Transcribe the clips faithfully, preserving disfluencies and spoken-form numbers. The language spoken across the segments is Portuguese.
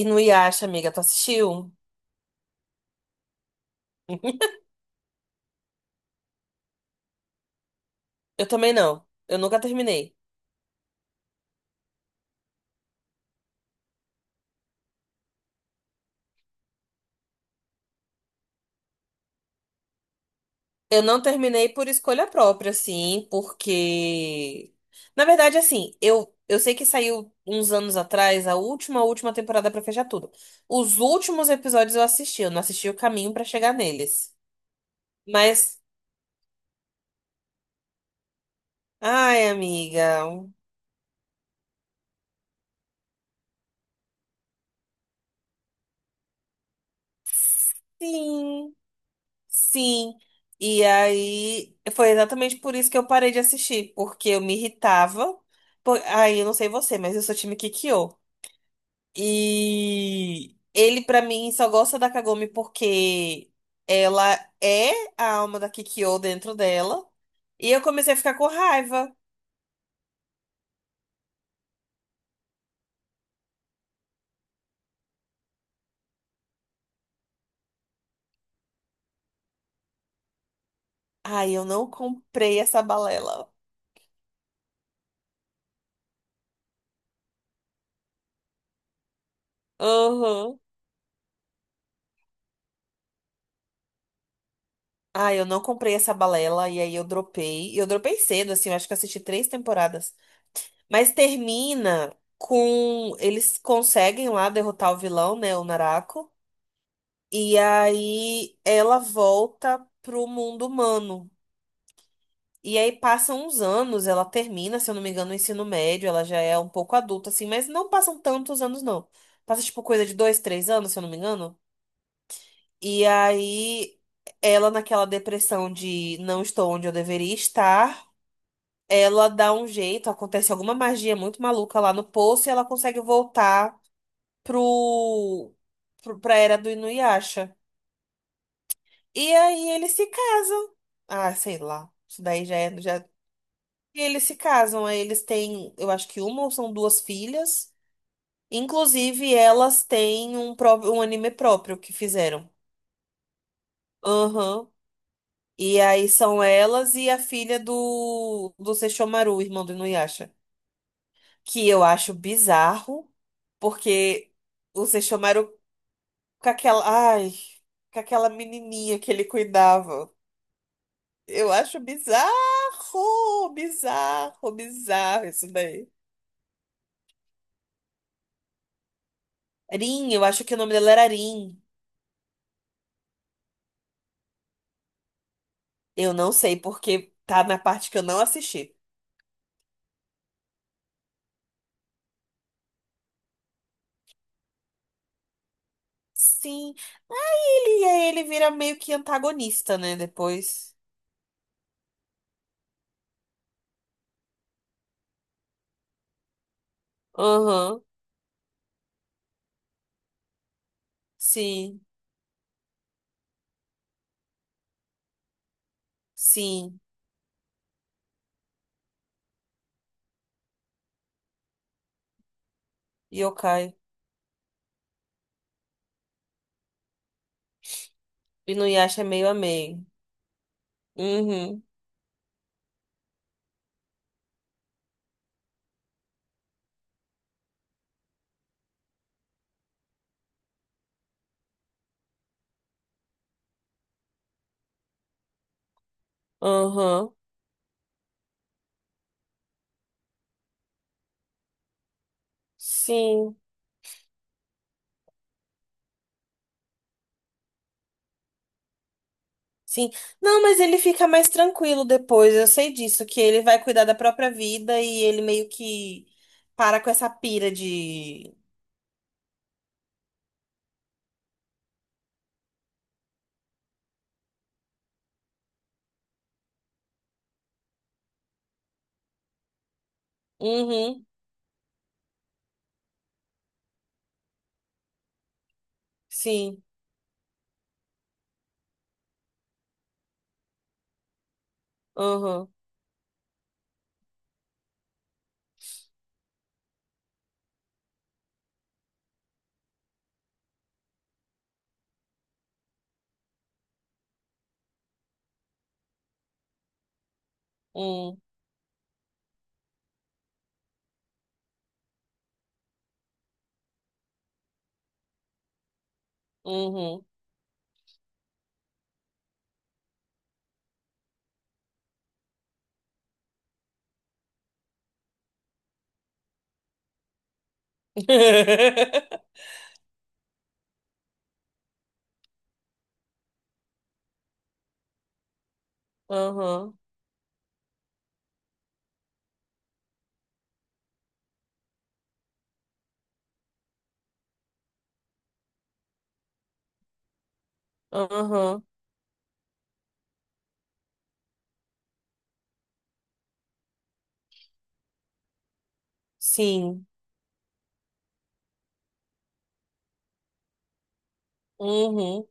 E no Yasha, amiga, tu assistiu? Eu também não. Eu nunca terminei. Eu não terminei por escolha própria, assim, porque. Na verdade, assim, eu, eu sei que saiu uns anos atrás a última, última temporada pra fechar tudo. Os últimos episódios eu assisti, eu não assisti o caminho pra chegar neles. Mas. Ai, amiga. Sim. Sim. E aí foi exatamente por isso que eu parei de assistir, porque eu me irritava. Por... Aí eu não sei você, mas eu sou time Kikyo. E ele pra mim só gosta da Kagome porque ela é a alma da Kikyo dentro dela. E eu comecei a ficar com raiva. Ai, eu não comprei essa balela. Aham. Ai, eu não comprei essa balela e aí eu dropei. E eu dropei cedo, assim, eu acho que eu assisti três temporadas. Mas termina com eles conseguem lá derrotar o vilão, né, o Narako, e aí ela volta pro mundo humano. E aí passam uns anos, ela termina, se eu não me engano, o ensino médio, ela já é um pouco adulta assim, mas não passam tantos anos não. Passa tipo coisa de dois, três anos, se eu não me engano. E aí ela naquela depressão de não estou onde eu deveria estar, ela dá um jeito, acontece alguma magia muito maluca lá no poço e ela consegue voltar pro, pro pra era do Inuyasha. E aí eles se casam. Ah, sei lá. Isso daí já é. Já... E eles se casam, aí eles têm, eu acho que uma ou são duas filhas. Inclusive, elas têm um, pró- um anime próprio que fizeram. Aham. E aí são elas e a filha do, do Sesshomaru, irmão do Inuyasha. Que eu acho bizarro, porque o Sesshomaru com aquela. Ai, com aquela menininha que ele cuidava. Eu acho bizarro, bizarro, bizarro isso daí. Rin, eu acho que o nome dela era Rin. Eu não sei porque tá na parte que eu não assisti. Sim. Aí ele, aí ele vira meio que antagonista, né? Depois. Aham. Sim. Sim. Yokai. Inuyasha é meio a meio. Uhum. Aham. Sim. Sim. Não, mas ele fica mais tranquilo depois. Eu sei disso, que ele vai cuidar da própria vida e ele meio que para com essa pira de. Uhum, sim. Uhum, uhum, uhum. Uhum, uhum, sim. Uhum,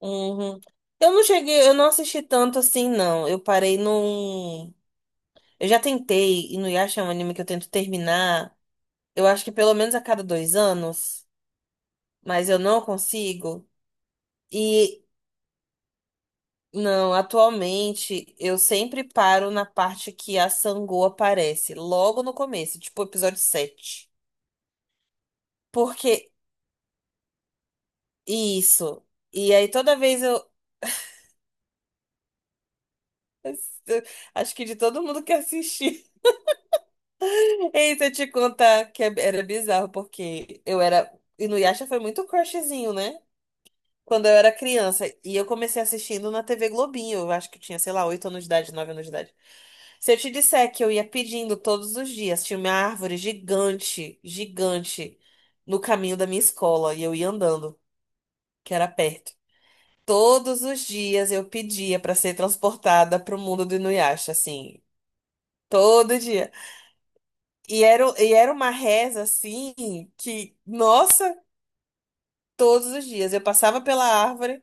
uhum. Eu não cheguei, eu não assisti tanto assim, não. Eu parei num. Eu já tentei, e no Yasha é um anime que eu tento terminar, eu acho que pelo menos a cada dois anos, mas eu não consigo. E não, atualmente eu sempre paro na parte que a Sangô aparece, logo no começo, tipo episódio sete. Porque isso. E aí toda vez eu, eu acho que de todo mundo que assistir. Ei, se eu te contar que é- era bizarro, porque eu era. E no Yasha foi muito crushzinho, né? Quando eu era criança. E eu comecei assistindo na T V Globinho. Eu acho que eu tinha, sei lá, oito anos de idade, nove anos de idade. Se eu te disser que eu ia pedindo todos os dias, tinha uma árvore gigante, gigante, no caminho da minha escola e eu ia andando, que era perto. Todos os dias eu pedia para ser transportada para o mundo do Inuyasha, assim, todo dia. E era, e era uma reza assim que, nossa, todos os dias eu passava pela árvore,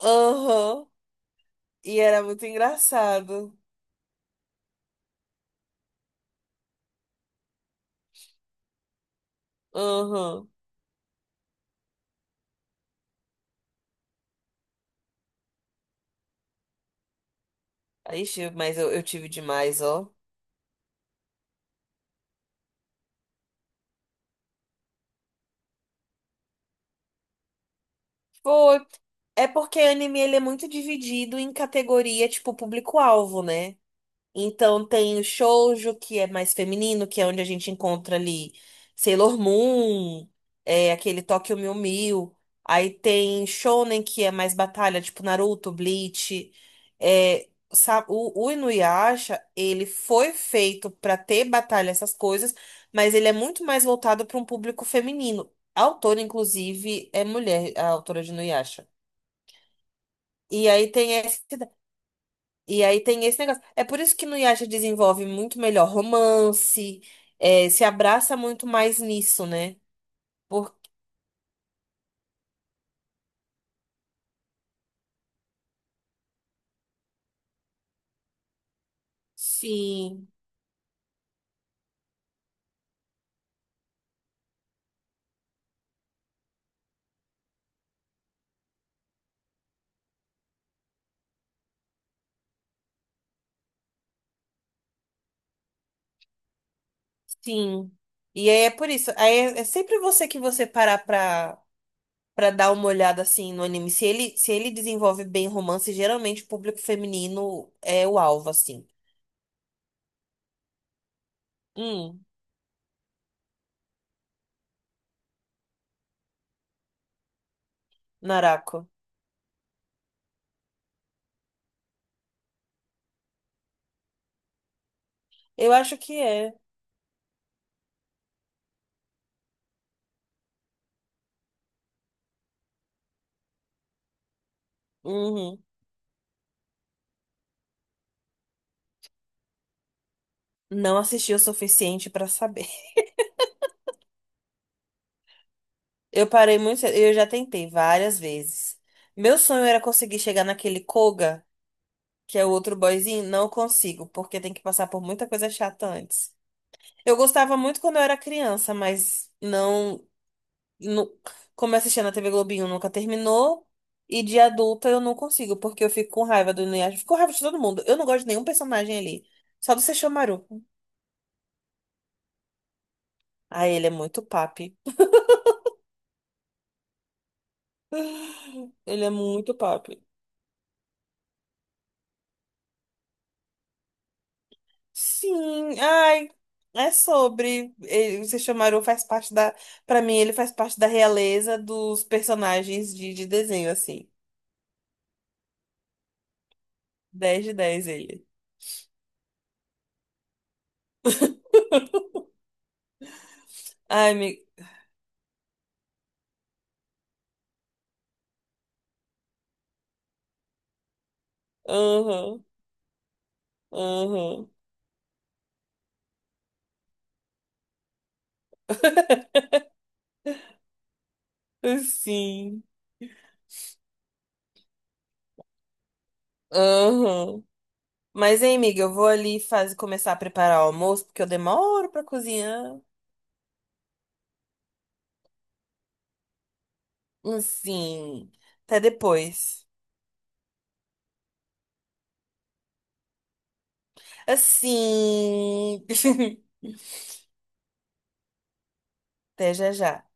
aham, e era muito engraçado, aham. Aí, mas eu, eu tive demais, ó. Foi. É porque anime ele é muito dividido em categoria, tipo, público-alvo, né? Então tem o shoujo, que é mais feminino, que é onde a gente encontra ali Sailor Moon, é, aquele Tokyo Mew Mew. Aí tem shonen, que é mais batalha, tipo Naruto, Bleach. É, sa- o, o Inuyasha, ele foi feito pra ter batalha, essas coisas, mas ele é muito mais voltado para um público feminino. A autora, inclusive, é mulher, a autora de Inuyasha. E aí tem esse, e aí tem esse negócio. É por isso que no Yasha desenvolve muito melhor romance, é, se abraça muito mais nisso, né? por Sim, sim. E aí é por isso. Aí é, é sempre você que você parar pra, pra dar uma olhada assim no anime. Se ele, se ele desenvolve bem romance, geralmente o público feminino é o alvo, assim. Hum, Narako. Eu acho que é. Uhum. Não assisti o suficiente pra saber. Eu parei muito cedo, eu já tentei várias vezes. Meu sonho era conseguir chegar naquele Koga, que é o outro boyzinho, não consigo, porque tem que passar por muita coisa chata antes. Eu gostava muito quando eu era criança, mas não, nu- como eu assistia na T V Globinho, nunca terminou. E de adulta eu não consigo, porque eu fico com raiva do Inuyasha, fico com raiva de todo mundo. Eu não gosto de nenhum personagem ali, só do Sesshomaru. Ah, ele é muito papi. Ele é muito papi. Sim, ai, é sobre. Ele, vocês chamaram, faz parte da. Pra mim, ele faz parte da realeza dos personagens de, de desenho, assim. Dez de dez ele. Ai, me. Aham, aham. Sim. Aham. Mas, hein, amiga, eu vou ali faz, começar a preparar o almoço, porque eu demoro pra cozinhar. Sim. Até depois. Assim. Até já já.